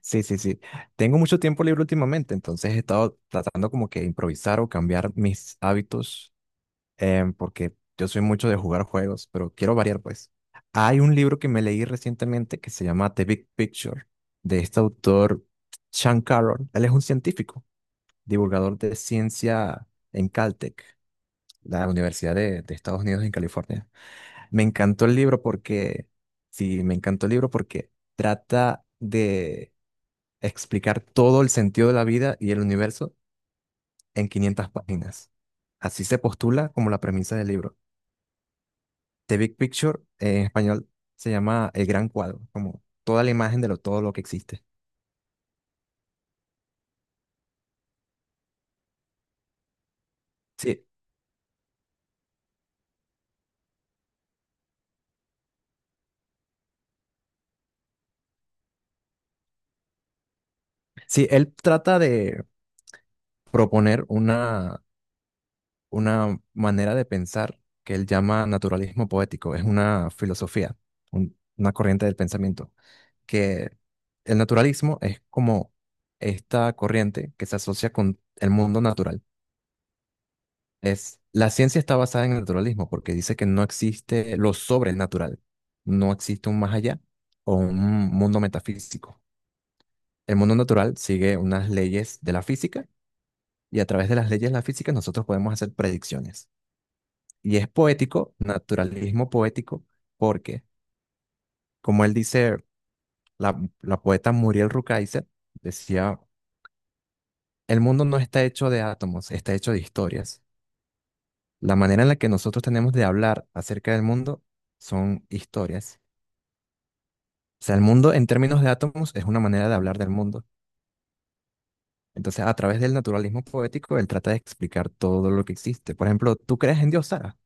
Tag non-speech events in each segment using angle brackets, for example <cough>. Sí, sí, sí. Tengo mucho tiempo libre últimamente, entonces he estado tratando como que improvisar o cambiar mis hábitos, porque yo soy mucho de jugar juegos, pero quiero variar, pues. Hay un libro que me leí recientemente que se llama The Big Picture, de este autor Sean Carroll. Él es un científico, divulgador de ciencia en Caltech, la Universidad de Estados Unidos en California. Me encantó el libro porque, sí, me encantó el libro porque trata de explicar todo el sentido de la vida y el universo en 500 páginas. Así se postula como la premisa del libro. The Big Picture, en español, se llama el gran cuadro, como toda la imagen de lo, todo lo que existe. Sí, sí, él trata de proponer una manera de pensar que él llama naturalismo poético. Es una filosofía, una corriente del pensamiento, que el naturalismo es como esta corriente que se asocia con el mundo natural. Es, la ciencia está basada en el naturalismo porque dice que no existe lo sobrenatural, no existe un más allá o un mundo metafísico. El mundo natural sigue unas leyes de la física y a través de las leyes de la física nosotros podemos hacer predicciones. Y es poético, naturalismo poético, porque como él dice, la poeta Muriel Rukeyser decía, el mundo no está hecho de átomos, está hecho de historias. La manera en la que nosotros tenemos de hablar acerca del mundo son historias. O sea, el mundo en términos de átomos es una manera de hablar del mundo. Entonces, a través del naturalismo poético, él trata de explicar todo lo que existe. Por ejemplo, ¿tú crees en Dios, Sara?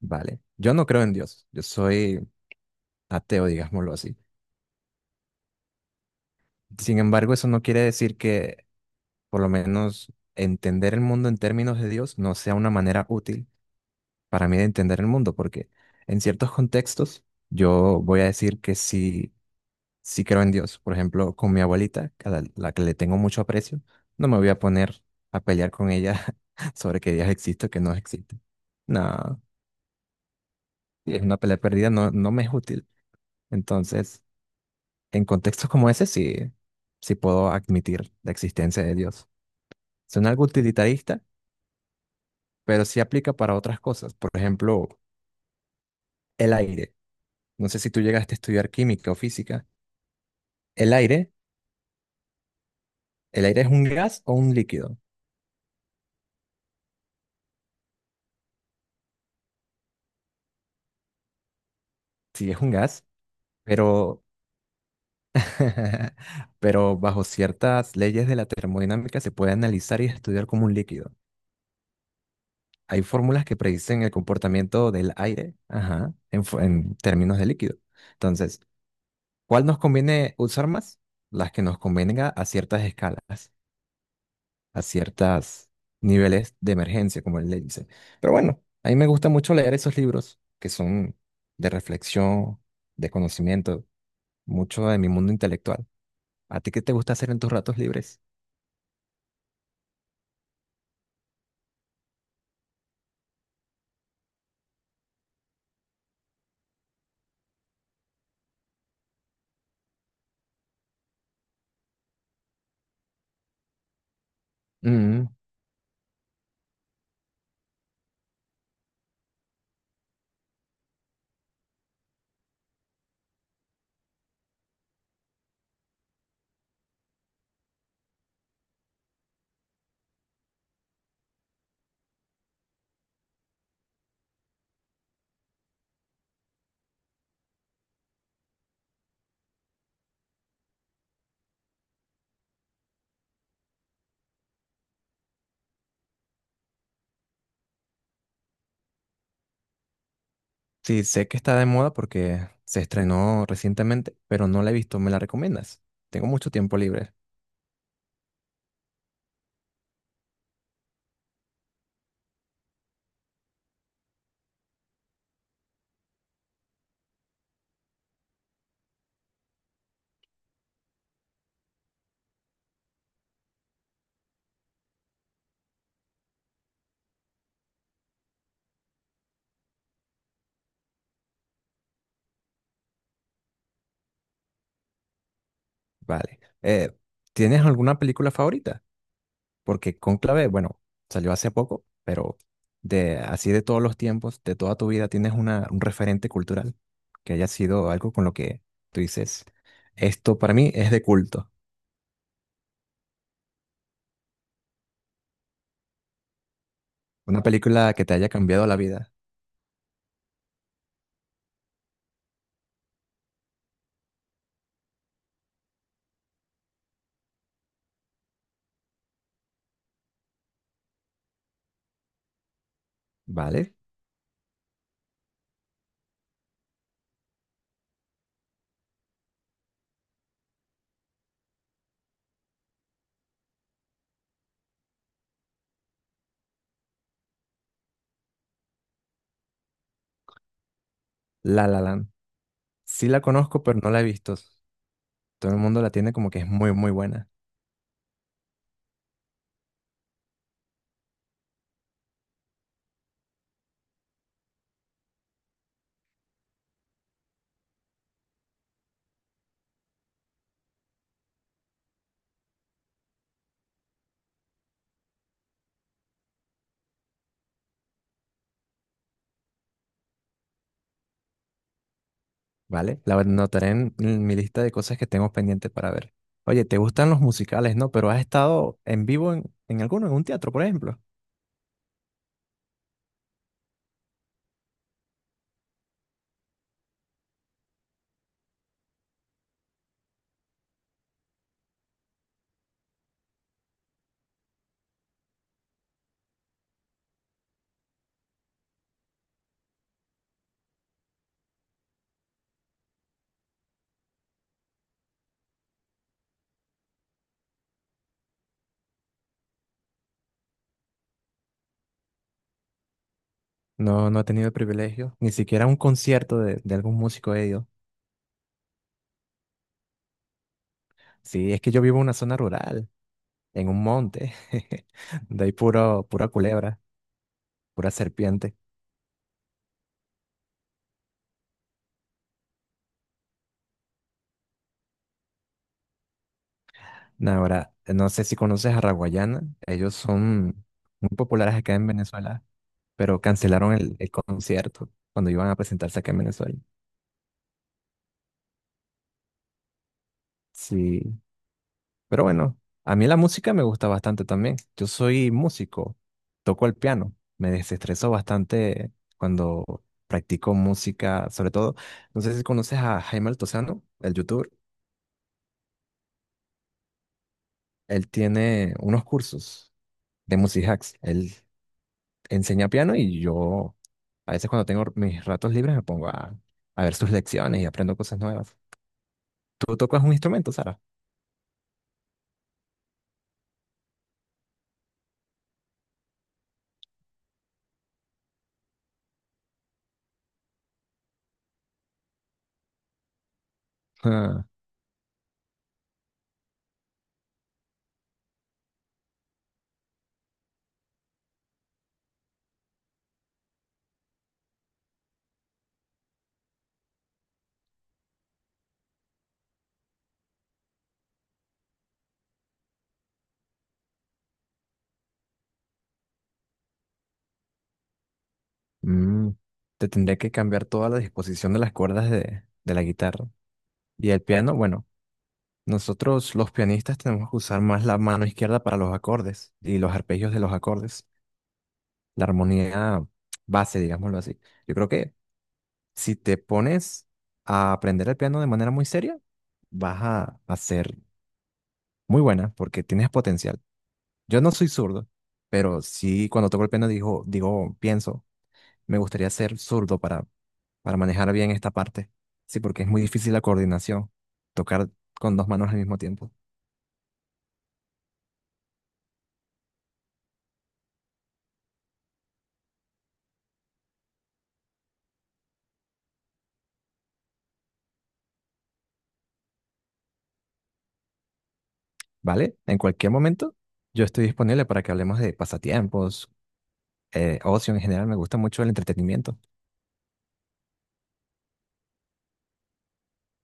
Vale. Yo no creo en Dios. Yo soy ateo, digámoslo así. Sin embargo, eso no quiere decir que, por lo menos, entender el mundo en términos de Dios no sea una manera útil para mí de entender el mundo, porque en ciertos contextos yo voy a decir que sí, sí creo en Dios. Por ejemplo, con mi abuelita, a la que le tengo mucho aprecio, no me voy a poner a pelear con ella <laughs> sobre que Dios existe o que no existe. No, sí, es una pelea perdida, no, no me es útil. Entonces, en contextos como ese, sí, sí puedo admitir la existencia de Dios. Suena algo utilitarista, pero sí aplica para otras cosas. Por ejemplo, el aire. No sé si tú llegaste a estudiar química o física. El aire, ¿El aire es un gas o un líquido? Sí, es un gas, pero <laughs> pero bajo ciertas leyes de la termodinámica se puede analizar y estudiar como un líquido. Hay fórmulas que predicen el comportamiento del aire, ajá, en términos de líquido. Entonces, ¿cuál nos conviene usar más? Las que nos convenga a ciertas escalas, a ciertos niveles de emergencia, como él le dice. Pero bueno, a mí me gusta mucho leer esos libros que son de reflexión, de conocimiento, mucho de mi mundo intelectual. ¿A ti qué te gusta hacer en tus ratos libres? Sí, sé que está de moda porque se estrenó recientemente, pero no la he visto. ¿Me la recomiendas? Tengo mucho tiempo libre. Vale. ¿Tienes alguna película favorita? Porque Cónclave, bueno, salió hace poco, pero de así de todos los tiempos, de toda tu vida, ¿tienes una, un referente cultural que haya sido algo con lo que tú dices, esto para mí es de culto? Una película que te haya cambiado la vida, ¿vale? La La Land. Sí la conozco, pero no la he visto. Todo el mundo la tiene como que es muy, muy buena. ¿Vale? La anotaré en mi lista de cosas que tengo pendientes para ver. Oye, ¿te gustan los musicales, no? Pero has estado en vivo en alguno, en un teatro, por ejemplo. No, no he tenido el privilegio, ni siquiera a un concierto de algún músico he ido. Sí, es que yo vivo en una zona rural, en un monte, <laughs> de ahí puro, pura culebra, pura serpiente. Nah. Ahora, no sé si conoces a Raguayana, ellos son muy populares acá en Venezuela, pero cancelaron el concierto cuando iban a presentarse acá en Venezuela. Sí. Pero bueno, a mí la música me gusta bastante también. Yo soy músico, toco el piano, me desestreso bastante cuando practico música, sobre todo, no sé si conoces a Jaime Altozano, el youtuber. Él tiene unos cursos de music hacks. Él enseña piano y yo a veces cuando tengo mis ratos libres me pongo a ver sus lecciones y aprendo cosas nuevas. ¿Tú tocas un instrumento, Sara? <laughs> Ah, te tendré que cambiar toda la disposición de las cuerdas de la guitarra. Y el piano, bueno, nosotros los pianistas tenemos que usar más la mano izquierda para los acordes y los arpegios de los acordes, la armonía base, digámoslo así. Yo creo que si te pones a aprender el piano de manera muy seria, vas a ser muy buena porque tienes potencial. Yo no soy zurdo, pero sí cuando toco el piano pienso, me gustaría ser zurdo para manejar bien esta parte. Sí, porque es muy difícil la coordinación, tocar con dos manos al mismo tiempo. ¿Vale? En cualquier momento, yo estoy disponible para que hablemos de pasatiempos, ocio en general. Me gusta mucho el entretenimiento.